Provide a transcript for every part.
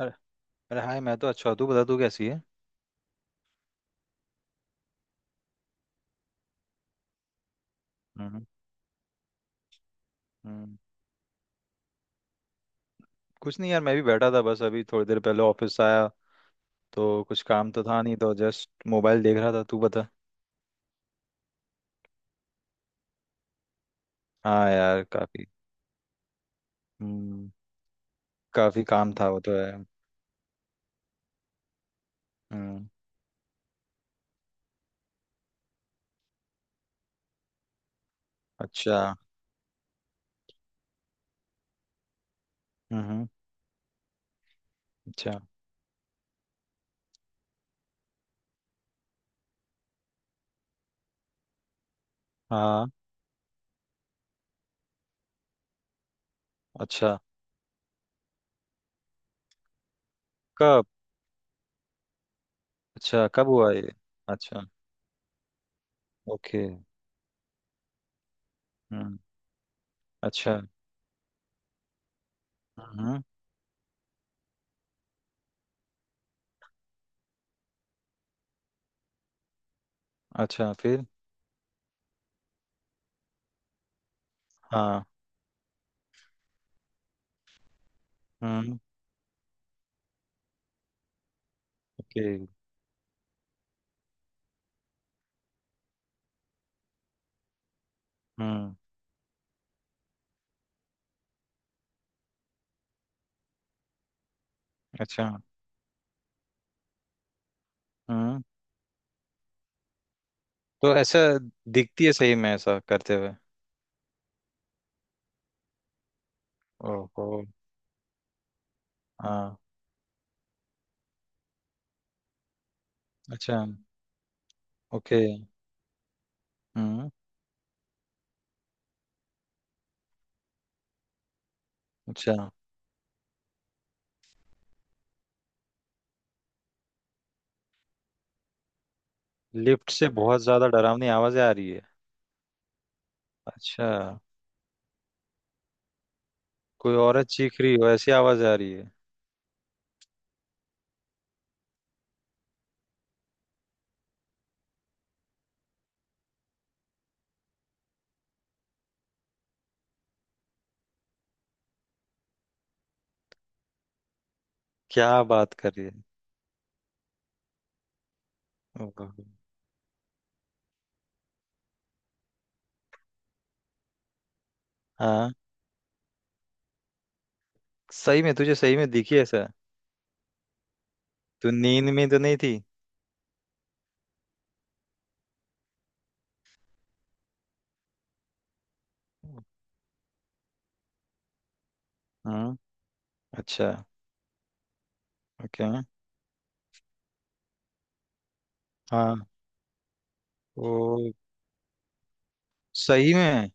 अरे अरे हाय। मैं तो अच्छा हूँ। तू बता तू कैसी है। हम्म। हम्म। कुछ नहीं यार, मैं भी बैठा था, बस अभी थोड़ी देर पहले ऑफिस आया, तो कुछ काम तो था नहीं तो जस्ट मोबाइल देख रहा था। तू बता। हाँ यार काफी। हम्म। काफी काम था, वो तो है। हम्म। अच्छा। हम्म। अच्छा। हाँ। अच्छा कब। अच्छा कब हुआ ये। अच्छा। ओके। हम्म। अच्छा। हम्म। अच्छा फिर। हाँ। हम्म। ओके। हम्म। अच्छा। हम्म। तो ऐसा दिखती है सही में ऐसा करते हुए। ओहो। हाँ। अच्छा। ओके। हम्म। अच्छा। लिफ्ट से बहुत ज्यादा डरावनी आवाजें आ रही है। अच्छा। कोई औरत चीख रही हो ऐसी आवाज आ रही है। क्या बात कर रही है। ओहो। हाँ सही में, तुझे सही में दिखी ऐसा। तू नींद में तो नहीं थी। हम्म। अच्छा। ओके। हाँ वो सही में।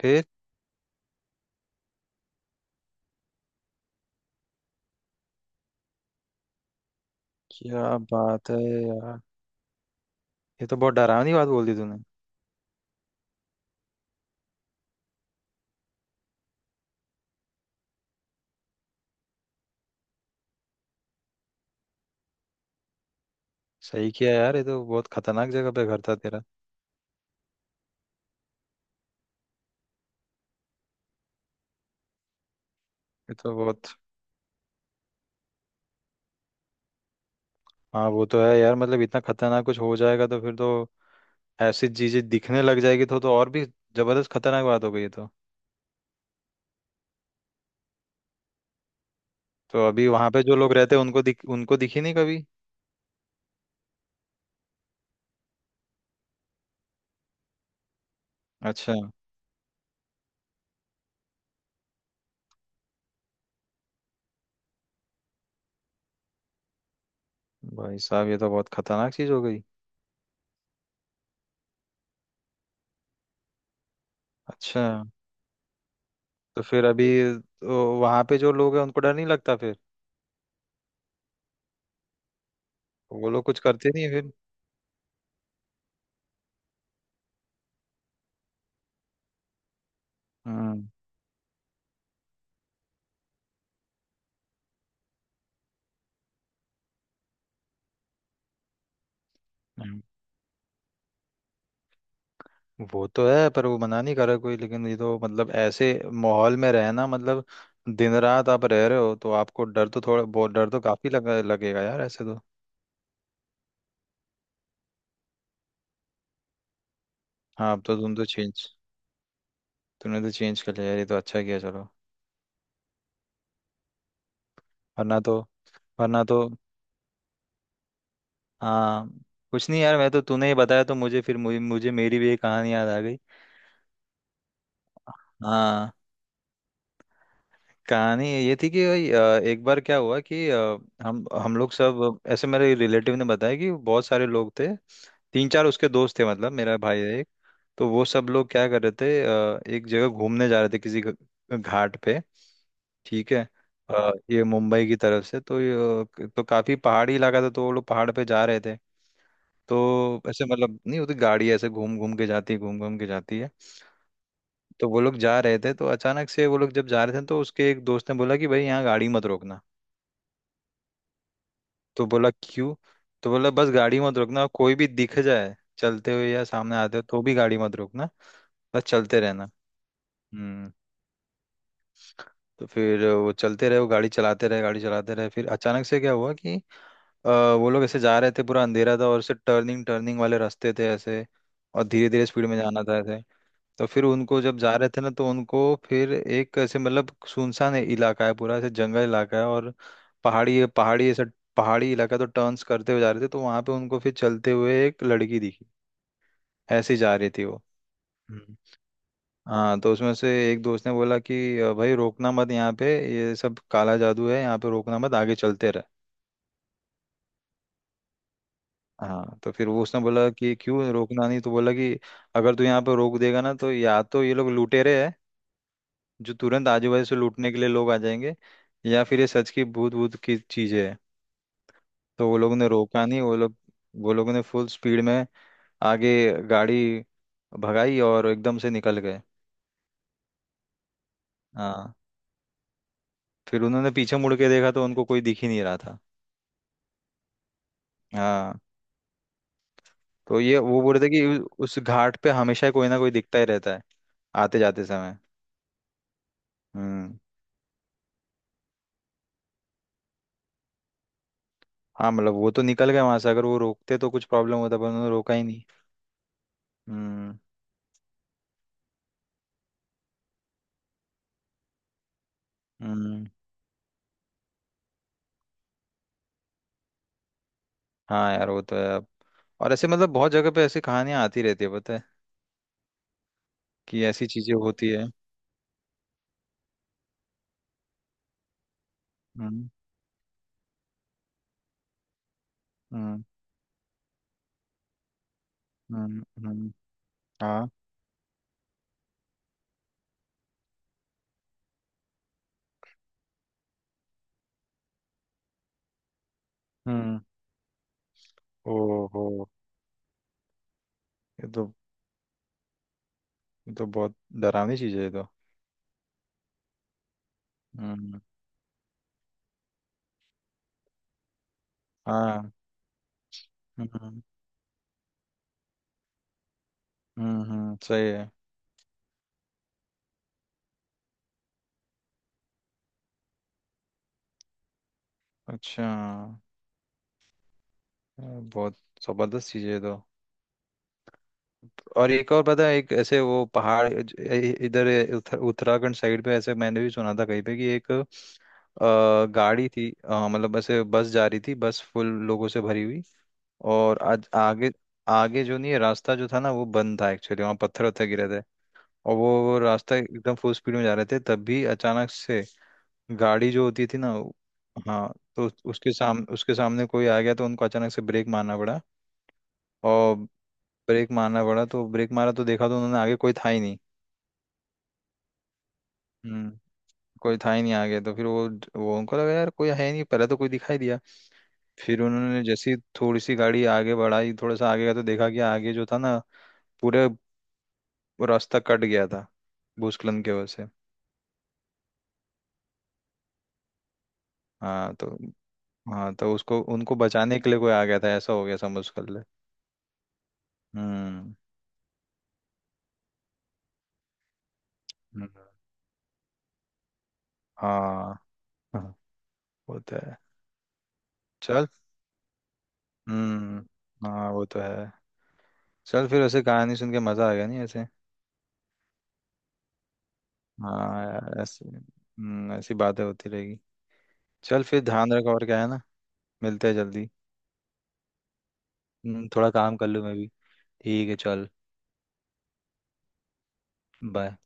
फिर क्या बात है यार, ये तो बहुत डरावनी बात बोल दी तूने। सही किया यार, ये तो बहुत खतरनाक जगह पे घर था तेरा। ये तो बहुत। हाँ वो तो है यार, मतलब इतना खतरनाक कुछ हो जाएगा तो फिर तो, ऐसी चीजें दिखने लग जाएगी तो और भी जबरदस्त खतरनाक बात हो गई है तो। तो अभी वहां पे जो लोग रहते हैं उनको दिख उनको दिखी नहीं कभी। अच्छा। भाई साहब ये तो बहुत खतरनाक चीज हो गई। अच्छा। तो फिर अभी, तो वहां पे जो लोग हैं उनको डर नहीं लगता फिर। वो लोग कुछ करते नहीं है फिर। हम्म। हम्म, वो तो है, पर वो मना नहीं कर रहा कोई, लेकिन ये तो मतलब ऐसे माहौल में रहना, मतलब दिन रात आप रह रहे हो तो आपको डर तो, थोड़ा बहुत डर तो काफी लगा लगेगा यार ऐसे तो। हाँ अब तो तुम तो चेंज, तूने तो चेंज कर लिया यार, ये तो अच्छा किया चलो। वरना तो। वरना तो। हाँ। कुछ नहीं यार, मैं तो तूने ही बताया तो मुझे, फिर मुझे, मेरी भी एक कहानी याद आ गई। हाँ। कहानी ये थी कि भाई, एक बार क्या हुआ कि हम लोग सब ऐसे, मेरे रिलेटिव ने बताया कि बहुत सारे लोग थे, तीन चार उसके दोस्त थे, मतलब मेरा भाई है एक। तो वो सब लोग क्या कर रहे थे, एक जगह घूमने जा रहे थे किसी घाट पे। ठीक है। ये मुंबई की तरफ से तो ये, तो काफी पहाड़ी इलाका था, तो वो लोग पहाड़ पे जा रहे थे। तो ऐसे मतलब नहीं होती गाड़ी, ऐसे घूम घूम के जाती है, घूम घूम के जाती है। तो वो लोग जा रहे थे, तो अचानक से वो लोग जब जा रहे थे तो उसके एक दोस्त ने बोला कि भाई यहाँ गाड़ी मत रोकना। तो बोला क्यों। तो बोला बस गाड़ी मत रोकना, कोई भी दिख जाए चलते हुए या सामने आते हुए तो भी गाड़ी मत रोकना, बस चलते रहना। हम्म। तो फिर वो चलते रहे, वो गाड़ी चलाते रहे गाड़ी चलाते रहे, फिर अचानक से क्या हुआ कि अ, वो लोग ऐसे जा रहे थे, पूरा अंधेरा था और ऐसे टर्निंग टर्निंग वाले रास्ते थे ऐसे, और धीरे धीरे स्पीड में जाना था ऐसे। तो फिर उनको जब जा रहे थे ना तो उनको, फिर एक ऐसे मतलब सुनसान इलाका है, पूरा ऐसे जंगल इलाका है, और पहाड़ी पहाड़ी ऐसा, पहाड़ी इलाका। तो टर्न्स करते हुए जा रहे थे तो वहां पे उनको फिर चलते हुए एक लड़की दिखी, ऐसे ही जा रही थी वो। हम्म। हाँ। तो उसमें से एक दोस्त ने बोला कि भाई रोकना मत यहाँ पे, ये सब काला जादू है, यहाँ पे रोकना मत आगे चलते रहे। हाँ। तो फिर वो उसने बोला कि क्यों रोकना नहीं, तो बोला कि अगर तू यहाँ पर रोक देगा ना तो या तो ये लोग लुटेरे हैं जो तुरंत आजू बाजू से लूटने के लिए लोग आ जाएंगे, या फिर ये सच की भूत भूत की चीजें है। तो वो लोगों ने रोका नहीं, वो लोग, वो लोगों ने फुल स्पीड में आगे गाड़ी भगाई और एकदम से निकल गए। हाँ। फिर उन्होंने पीछे मुड़ के देखा तो उनको कोई दिख ही नहीं रहा था। हाँ। तो ये वो बोल रहे थे कि उस घाट पे हमेशा कोई ना कोई दिखता ही रहता है आते जाते समय। हम्म। हाँ मतलब वो तो निकल गए वहां से, अगर वो रोकते तो कुछ प्रॉब्लम होता पर उन्होंने रोका ही नहीं। हम्म। हम्म। हाँ यार वो तो है अब, और ऐसे मतलब बहुत जगह पे ऐसी कहानियां आती रहती है पता है, कि ऐसी चीजें होती है। हम्म। हम्म। हम्म। हम्म। हाँ। हम्म। ओहो। ये तो, ये तो बहुत डरावनी चीज है ये तो। हम्म। हाँ। हम्म। हम्म। सही है। अच्छा। ये बहुत जबरदस्त चीज है ये तो, और एक और पता है, एक ऐसे वो पहाड़ इधर उत्तराखंड साइड पे, ऐसे मैंने भी सुना था कहीं पे कि एक गाड़ी थी, मतलब ऐसे बस जा रही थी, बस फुल लोगों से भरी हुई। और आज आगे आगे जो नहीं है रास्ता जो था ना वो बंद था एक्चुअली, वहाँ पत्थर वत्थर गिरे थे। और वो रास्ता एकदम फुल स्पीड में जा रहे थे तब भी अचानक से गाड़ी जो होती थी ना वो-। हाँ तो उसके सामने कोई आ गया तो उनको अचानक से ब्रेक मारना पड़ा। और ब्रेक मारना पड़ा तो ब्रेक मारा तो देखा तो उन्होंने आगे कोई था ही नहीं। हम्म। कोई था ही नहीं आगे, तो फिर वो उनको लगा यार कोई है नहीं, पहले तो कोई दिखाई दिया। फिर उन्होंने जैसी थोड़ी सी गाड़ी आगे बढ़ाई, थोड़ा सा आगे गया तो देखा कि आगे जो था ना पूरे रास्ता कट गया था भूस्खलन की वजह से। हाँ तो, हाँ तो उसको उनको बचाने के लिए कोई आ गया था ऐसा हो गया समझ कर ले। हम्म। हम्म, हाँ। हाँ, वो तो है। चल। हम्म। हाँ वो तो है। चल फिर, ऐसे कहानी सुन के मजा आ गया नहीं ऐसे। हाँ यार ऐसे ऐसी बातें होती रहेगी। चल फिर ध्यान रख और क्या है ना। मिलते हैं जल्दी। थोड़ा काम कर लूँ मैं भी। ठीक है चल। बाय।